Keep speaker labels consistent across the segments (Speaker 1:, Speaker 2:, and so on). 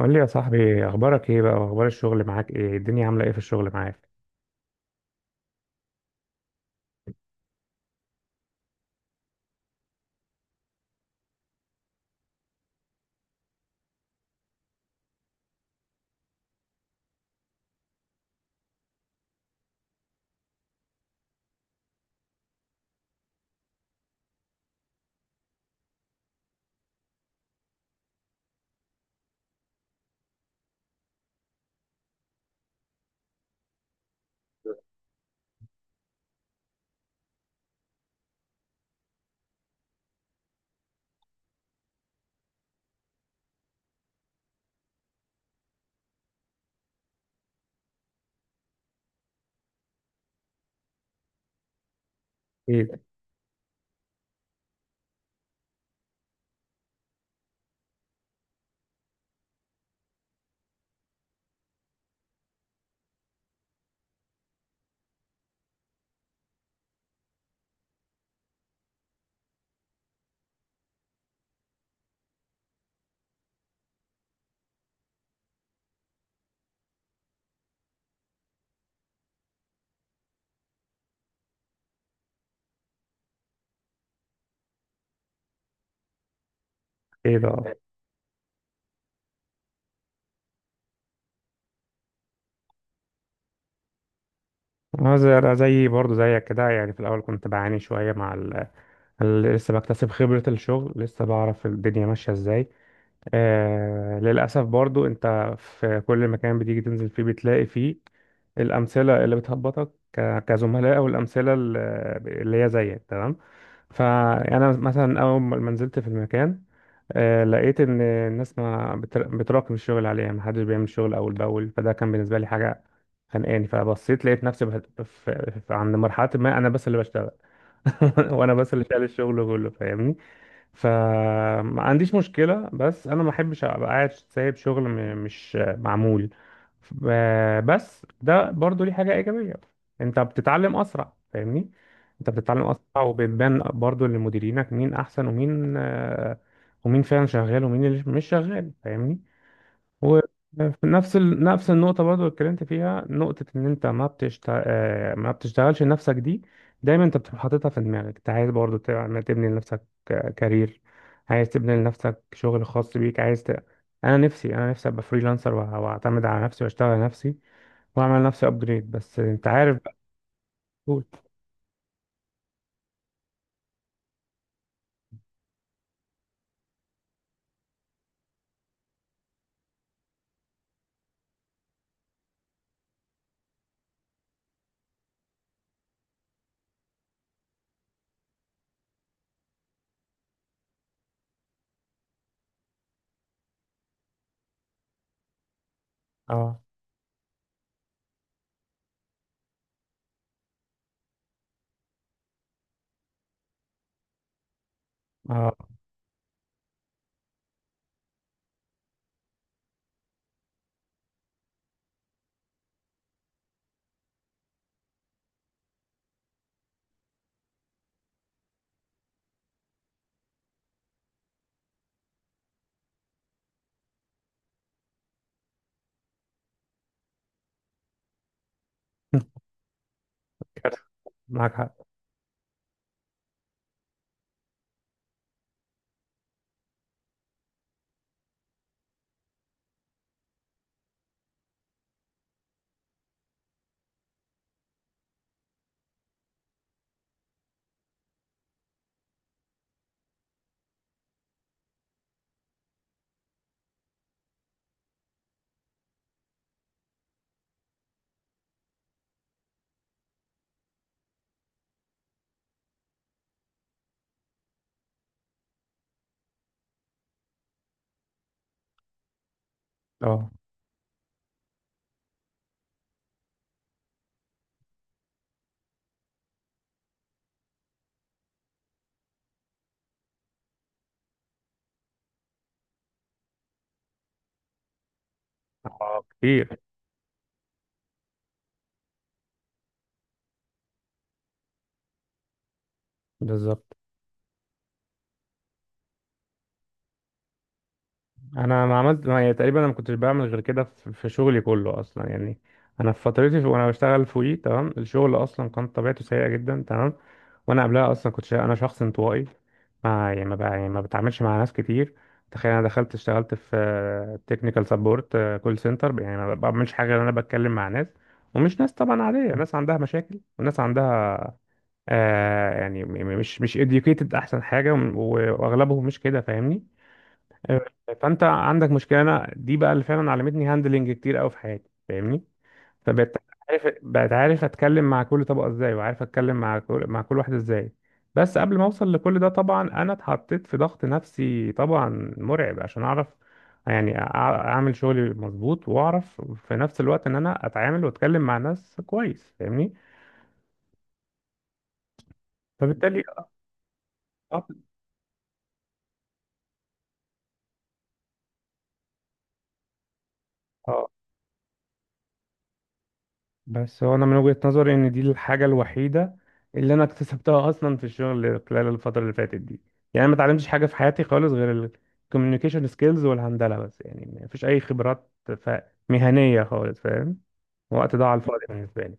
Speaker 1: قول لي يا صاحبي، اخبارك ايه بقى واخبار الشغل معاك؟ ايه الدنيا عامله ايه في الشغل معاك؟ ايه ده؟ ايه ده؟ اه زي زي برضه زيك كده يعني. في الاول كنت بعاني شويه مع لسه بكتسب خبره الشغل، لسه بعرف الدنيا ماشيه ازاي. للأسف برضو أنت في كل مكان بتيجي تنزل فيه بتلاقي فيه الأمثلة اللي بتهبطك كزملاء، أو الأمثلة اللي هي زيك تمام. فأنا مثلا أول ما نزلت في المكان، لقيت إن الناس ما بتر- بتراكم الشغل عليها، محدش بيعمل شغل أول بأول. فده كان بالنسبة لي حاجة خانقاني. فبصيت لقيت نفسي عند مرحلة ما أنا بس اللي بشتغل، وأنا بس اللي شايل الشغل كله، فاهمني؟ فما عنديش مشكلة، بس أنا ما أحبش أبقى قاعد سايب شغل مش معمول. بس ده برضو ليه حاجة إيجابية، أنت بتتعلم أسرع، فاهمني؟ أنت بتتعلم أسرع، وبتبان برضو لمديرينك مين أحسن ومين ومين فعلا شغال ومين اللي مش شغال، فاهمني؟ وفي نفس النقطة برضو اللي اتكلمت فيها، نقطة إن أنت ما بتشتغلش نفسك دي. دايما أنت بتبقى حاططها في دماغك، أنت عايز برضو تبني لنفسك كارير، عايز تبني لنفسك شغل خاص بيك، عايز ت... أنا نفسي أبقى فريلانسر، وأعتمد على نفسي وأشتغل على نفسي، وأعمل لنفسي أبجريد. بس أنت عارف بقى. قول. أه. أه. معاك حق. أه. آه، كتير. بالظبط. انا ما عملت ما يعني، تقريبا انا ما كنتش بعمل غير كده في شغلي كله اصلا يعني. انا في فترتي في... وانا بشتغل فوقي تمام، الشغل اصلا كان طبيعته سيئه جدا تمام. وانا قبلها اصلا انا شخص انطوائي، ما يعني ما, ب... يعني ما بتعاملش مع ناس كتير. تخيل انا دخلت اشتغلت في تكنيكال سبورت، كول سنتر، يعني ما بعملش حاجه غير إن انا بتكلم مع ناس. ومش ناس طبعا عاديه، ناس عندها مشاكل وناس عندها مش educated، احسن حاجه، واغلبهم مش كده، فاهمني؟ فانت عندك مشكله. انا دي بقى اللي فعلا علمتني هاندلنج كتير قوي في حياتي، فاهمني؟ فبقيت عارف، بقيت عارف اتكلم مع كل طبقه ازاي، وعارف اتكلم مع كل واحده ازاي. بس قبل ما اوصل لكل ده طبعا انا اتحطيت في ضغط نفسي طبعا مرعب، عشان اعرف يعني اعمل شغلي مظبوط، واعرف في نفس الوقت ان انا اتعامل واتكلم مع ناس كويس، فاهمني؟ فبالتالي اه. بس هو انا من وجهة نظري ان دي الحاجة الوحيدة اللي انا اكتسبتها اصلا في الشغل خلال الفترة اللي فاتت دي. يعني ما اتعلمتش حاجة في حياتي خالص غير الكوميونيكيشن سكيلز والهندلة بس، يعني ما فيش اي خبرات مهنية خالص، فاهم؟ وقت ضاع على الفاضي بالنسبة لي.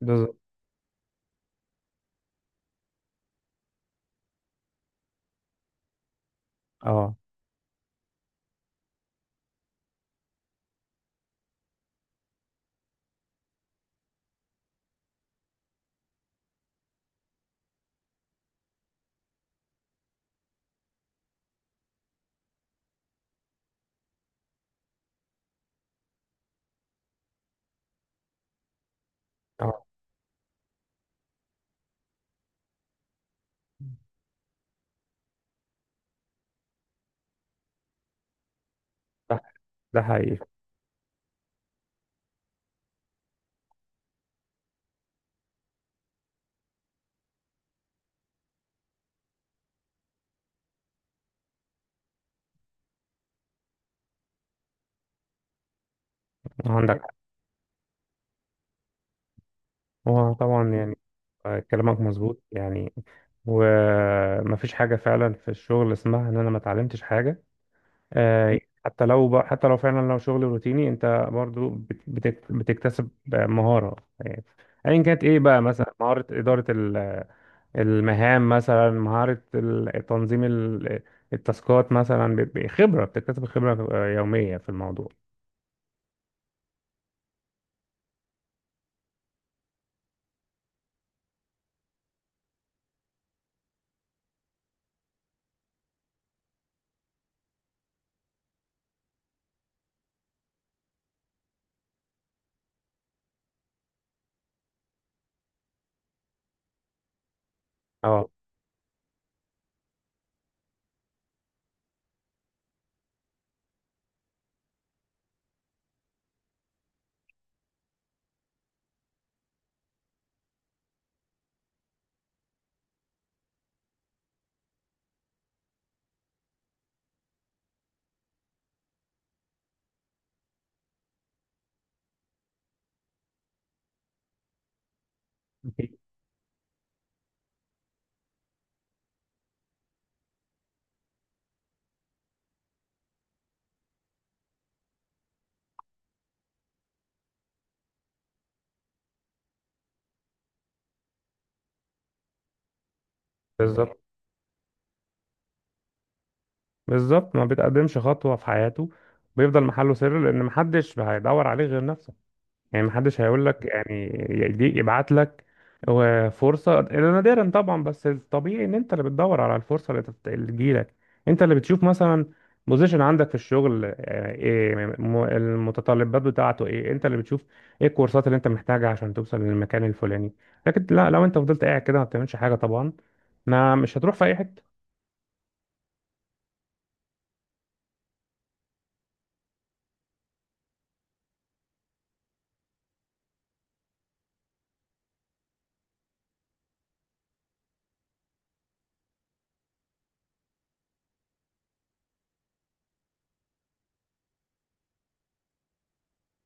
Speaker 1: بالظبط. اه اه. ده ده حقيقي. عندك حق. هو طبعا يعني، آه، كلامك مظبوط يعني. ومفيش حاجة فعلا في الشغل اسمها ان انا ما اتعلمتش حاجة. آه، حتى لو حتى لو فعلا لو شغل روتيني، انت برضو بتكتسب مهارة يعني. ايا كانت ايه بقى، مثلا مهارة إدارة المهام، مثلا مهارة تنظيم التاسكات، مثلا ب- ب- خبرة بتكتسب خبرة آه، يومية في الموضوع. اه أكيد. بالظبط. بالظبط، ما بتقدمش خطوة في حياته، بيفضل محله سر لأن محدش هيدور عليه غير نفسه. يعني محدش هيقول لك يعني يديك، يبعت لك فرصة، إلا نادرا طبعا. بس الطبيعي ان انت اللي بتدور على الفرصة اللي تجيلك، انت اللي بتشوف مثلا بوزيشن عندك في الشغل آه، ايه المتطلبات بتاعته، ايه انت اللي بتشوف ايه الكورسات اللي انت محتاجها عشان توصل للمكان الفلاني. لكن لا، لو انت فضلت قاعد كده ما بتعملش حاجة طبعا، ما مش هتروح في اي حتة.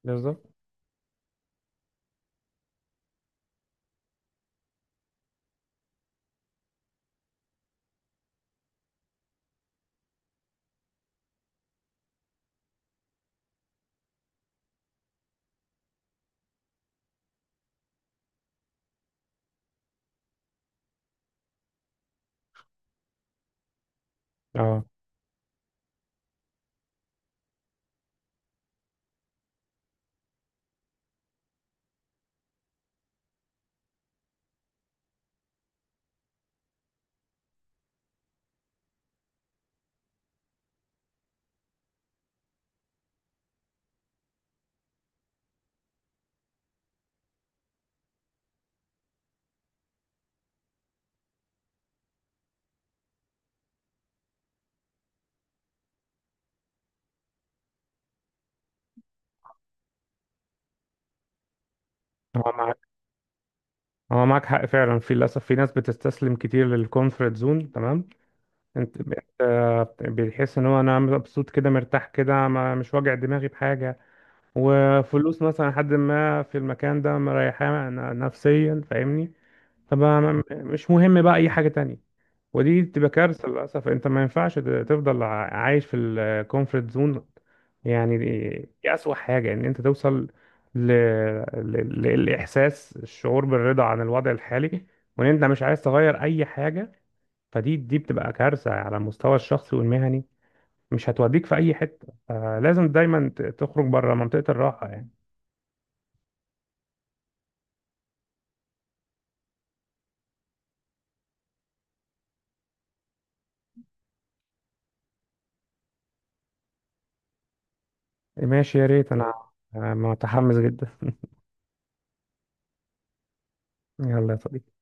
Speaker 1: بالظبط. اه. هو معاك هو معاك حق فعلا، في للاسف في ناس بتستسلم كتير للكونفرت زون تمام. انت انت بتحس ان هو انا مبسوط كده، مرتاح كده، ما مش واجع دماغي بحاجه، وفلوس مثلا حد ما في المكان ده، مريحاه نفسيا، فاهمني؟ طب أنا مش مهم بقى اي حاجه تانية. ودي تبقى كارثه للاسف، انت ما ينفعش تفضل عايش في الكومفورت زون. يعني دي اسوأ حاجه، ان انت توصل ل... للاحساس، الشعور بالرضا عن الوضع الحالي، وان انت مش عايز تغير اي حاجه. دي بتبقى كارثة على المستوى الشخصي والمهني، مش هتوديك في أي حتة. فلازم دايما تخرج بره منطقة الراحة يعني. ماشي يا ريت. أنا أنا متحمس جدا. يلا يا صديقي.